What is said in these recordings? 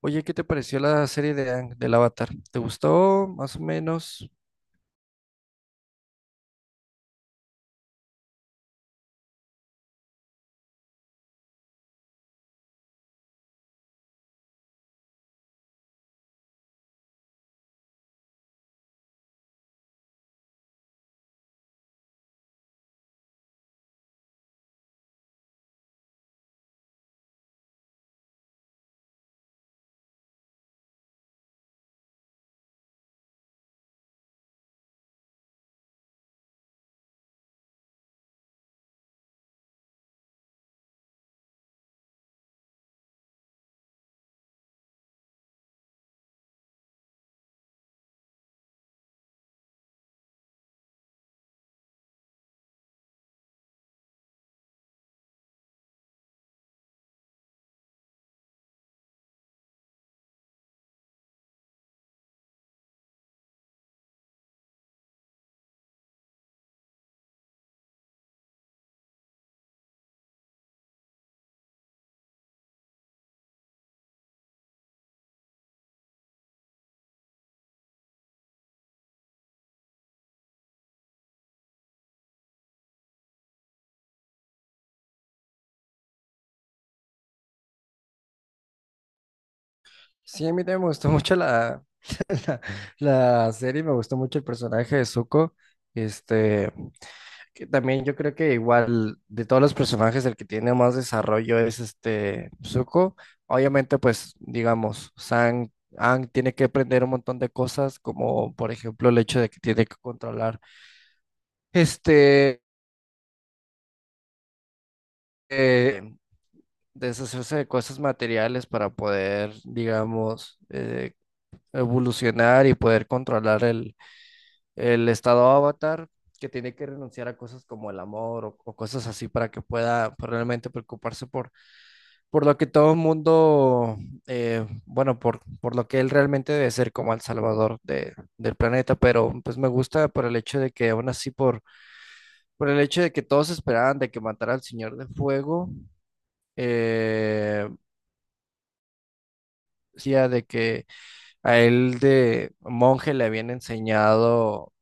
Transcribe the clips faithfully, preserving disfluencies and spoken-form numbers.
Oye, ¿qué te pareció la serie de Aang, del Avatar? ¿Te gustó más o menos? Sí, a mí también me gustó mucho la, la, la serie, me gustó mucho el personaje de Zuko. Este, que también yo creo que igual de todos los personajes el que tiene más desarrollo es este Zuko. Obviamente, pues digamos, Sang, Aang tiene que aprender un montón de cosas, como por ejemplo el hecho de que tiene que controlar este eh, deshacerse de cosas materiales para poder, digamos, eh, evolucionar y poder controlar el, el estado avatar, que tiene que renunciar a cosas como el amor o, o cosas así para que pueda pues, realmente preocuparse por, por lo que todo el mundo, eh, bueno, por, por lo que él realmente debe ser como el salvador de, del planeta, pero pues me gusta por el hecho de que aún así, por, por el hecho de que todos esperaban de que matara al Señor de Fuego, eh, decía de que a él de monje le habían enseñado,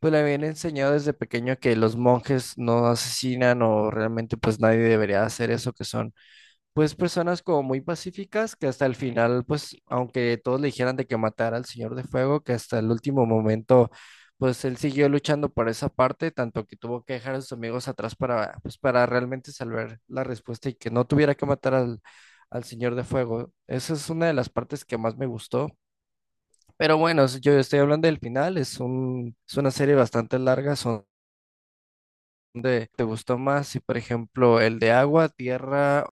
pues le habían enseñado desde pequeño que los monjes no asesinan o realmente pues nadie debería hacer eso, que son pues personas como muy pacíficas que hasta el final, pues aunque todos le dijeran de que matara al Señor de Fuego, que hasta el último momento, pues él siguió luchando por esa parte, tanto que tuvo que dejar a sus amigos atrás para, pues, para realmente salvar la respuesta y que no tuviera que matar al, al Señor de Fuego. Esa es una de las partes que más me gustó. Pero bueno, es- yo estoy hablando del final, es un, es una serie bastante larga, son de, ¿te gustó más? Si por ejemplo el de agua, tierra.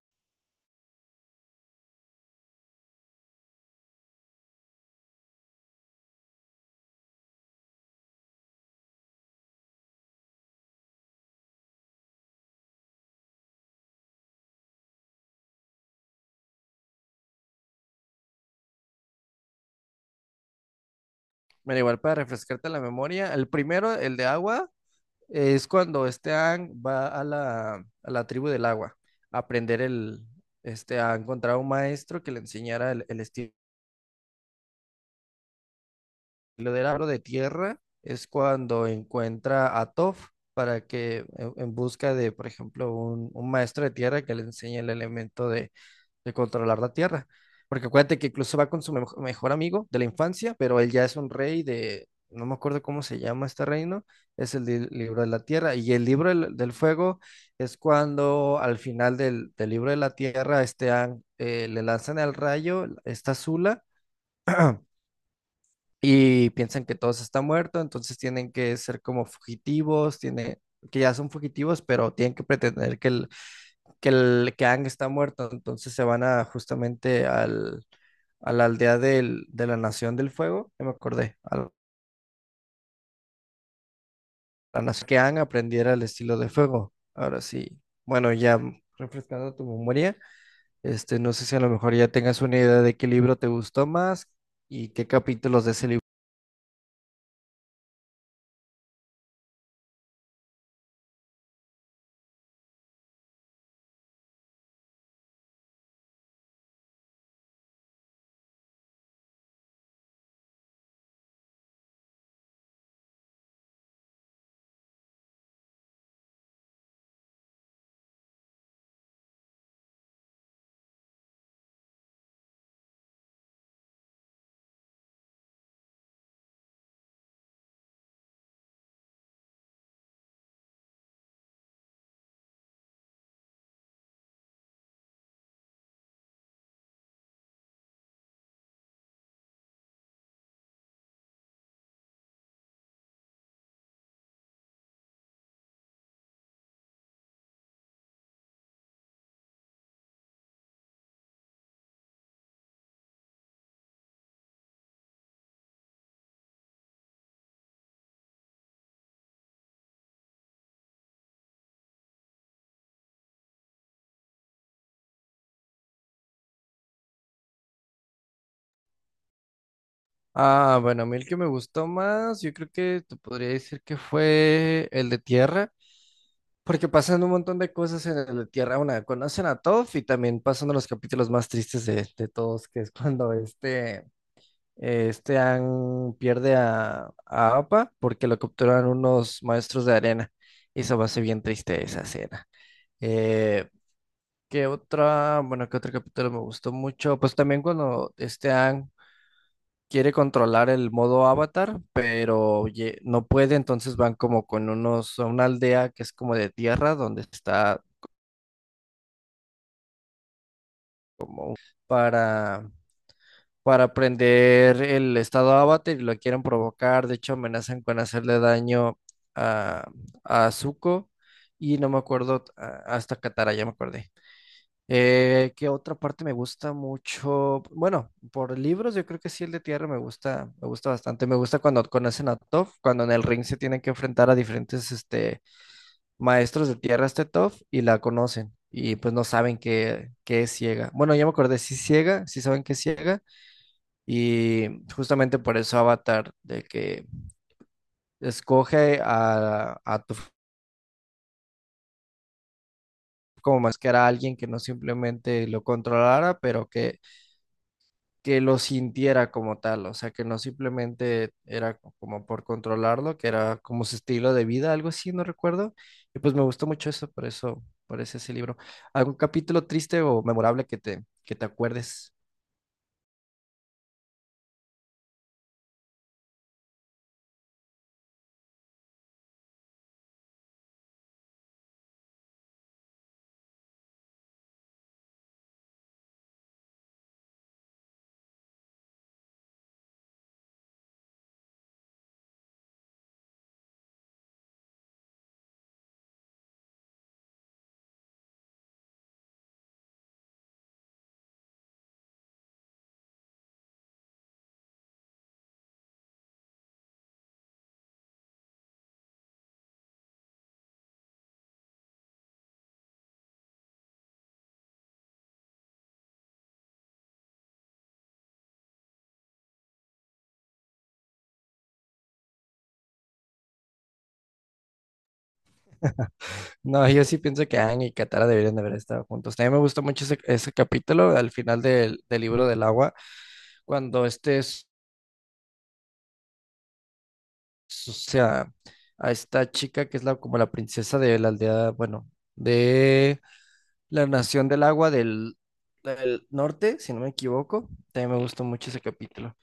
Bueno, igual para refrescarte la memoria, el primero, el de agua, es cuando este Aang va a la, a la tribu del agua a aprender el, este, a encontrar un maestro que le enseñara el, el estilo del agro de tierra. Es cuando encuentra a Toph para que, en, en busca de, por ejemplo, un, un maestro de tierra que le enseñe el elemento de, de controlar la tierra. Porque acuérdate que incluso va con su mejo- mejor amigo de la infancia, pero él ya es un rey de, no me acuerdo cómo se llama este reino, es el li- libro de la tierra. Y el libro del, del fuego es cuando al final del, del libro de la tierra este, Aang, eh, le lanzan el rayo, esta zula y piensan que todos están muertos, entonces tienen que ser como fugitivos, tiene, que ya son fugitivos, pero tienen que pretender que el, que el que Aang está muerto, entonces se van a justamente al, a la aldea del- de la Nación del Fuego, ya me acordé, a la, la nación que Aang aprendiera el estilo de fuego. Ahora sí, bueno, ya refrescando tu memoria, este, no sé si a lo mejor ya tengas una idea de qué libro te gustó más y qué capítulos de ese libro. Ah, bueno, a mí el que me gustó más, yo creo que te podría decir que fue el de Tierra. Porque pasan un montón de cosas en la Tierra Una. Conocen a Toph y también pasan uno de los capítulos más tristes de, de todos, que es cuando este, este Aang pierde a, a Appa porque lo capturan unos maestros de arena. Y se me hace bien triste esa escena. Eh, ¿qué otra? Bueno, ¿qué otro capítulo me gustó mucho? Pues también cuando este Aang quiere controlar el modo avatar, pero lle- no puede, entonces van como con unos, a una aldea que es como de tierra, donde está para, para prender el estado avatar y lo quieren provocar. De hecho, amenazan con hacerle daño a, a Zuko y no me acuerdo a- hasta Katara, ya me acordé. Eh, ¿qué otra parte me gusta mucho? Bueno, por libros yo creo que sí el de Tierra me gusta, me gusta bastante. Me gusta cuando conocen a Toph, cuando en el ring se tienen que enfrentar a diferentes este, maestros de Tierra, este Toph, y la conocen. Y pues no saben que, que es ciega. Bueno, ya me acordé, sí es ciega, sí saben que es ciega, y justamente por eso Avatar, de que escoge a, a tu como máscara a alguien que no simplemente lo controlara, pero que, que lo sintiera como tal, o sea, que no simplemente era co- como por controlarlo, que era como su estilo de vida, algo así, no recuerdo. Y pues me gustó mucho eso, por eso, por ese, ese libro. ¿Algún capítulo triste o memorable que te, que te acuerdes? No, yo sí pienso que Aang y Katara deberían de haber estado juntos. También me gustó mucho ese, ese capítulo al final del, del libro del agua, cuando este es, o sea, a esta chica que es la, como la princesa de la aldea, bueno, de la nación del agua del, del norte, si no me equivoco. También me gustó mucho ese capítulo.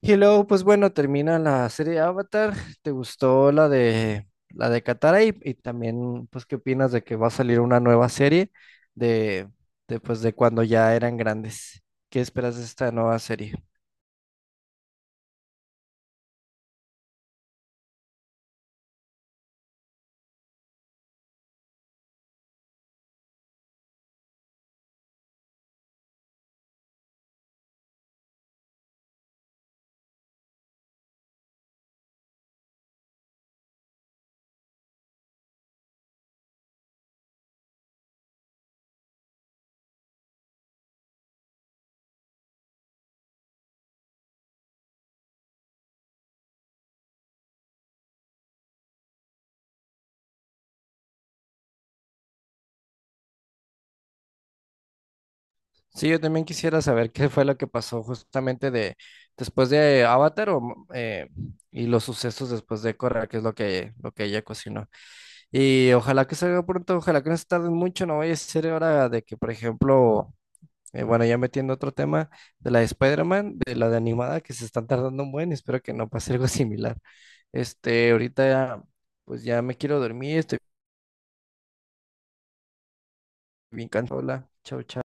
Y luego, pues bueno, termina la serie Avatar. ¿Te gustó la de la de Katara? Y, y también, pues, ¿qué opinas de que va a salir una nueva serie de, de, pues, de cuando ya eran grandes? ¿Qué esperas de esta nueva serie? Sí, yo también quisiera saber qué fue lo que pasó justamente de después de Avatar o, eh, y los sucesos después de Korra, que es lo que, lo que ella cocinó. Y ojalá que salga pronto, ojalá que no se tarden mucho, no vaya a ser hora de que, por ejemplo. Eh, bueno, ya metiendo otro tema de la de Spider-Man, de la de animada, que se están tardando un buen, espero que no pase algo similar. Este, ahorita ya, pues ya me quiero dormir, estoy bien cansado. Hola, chao, chao.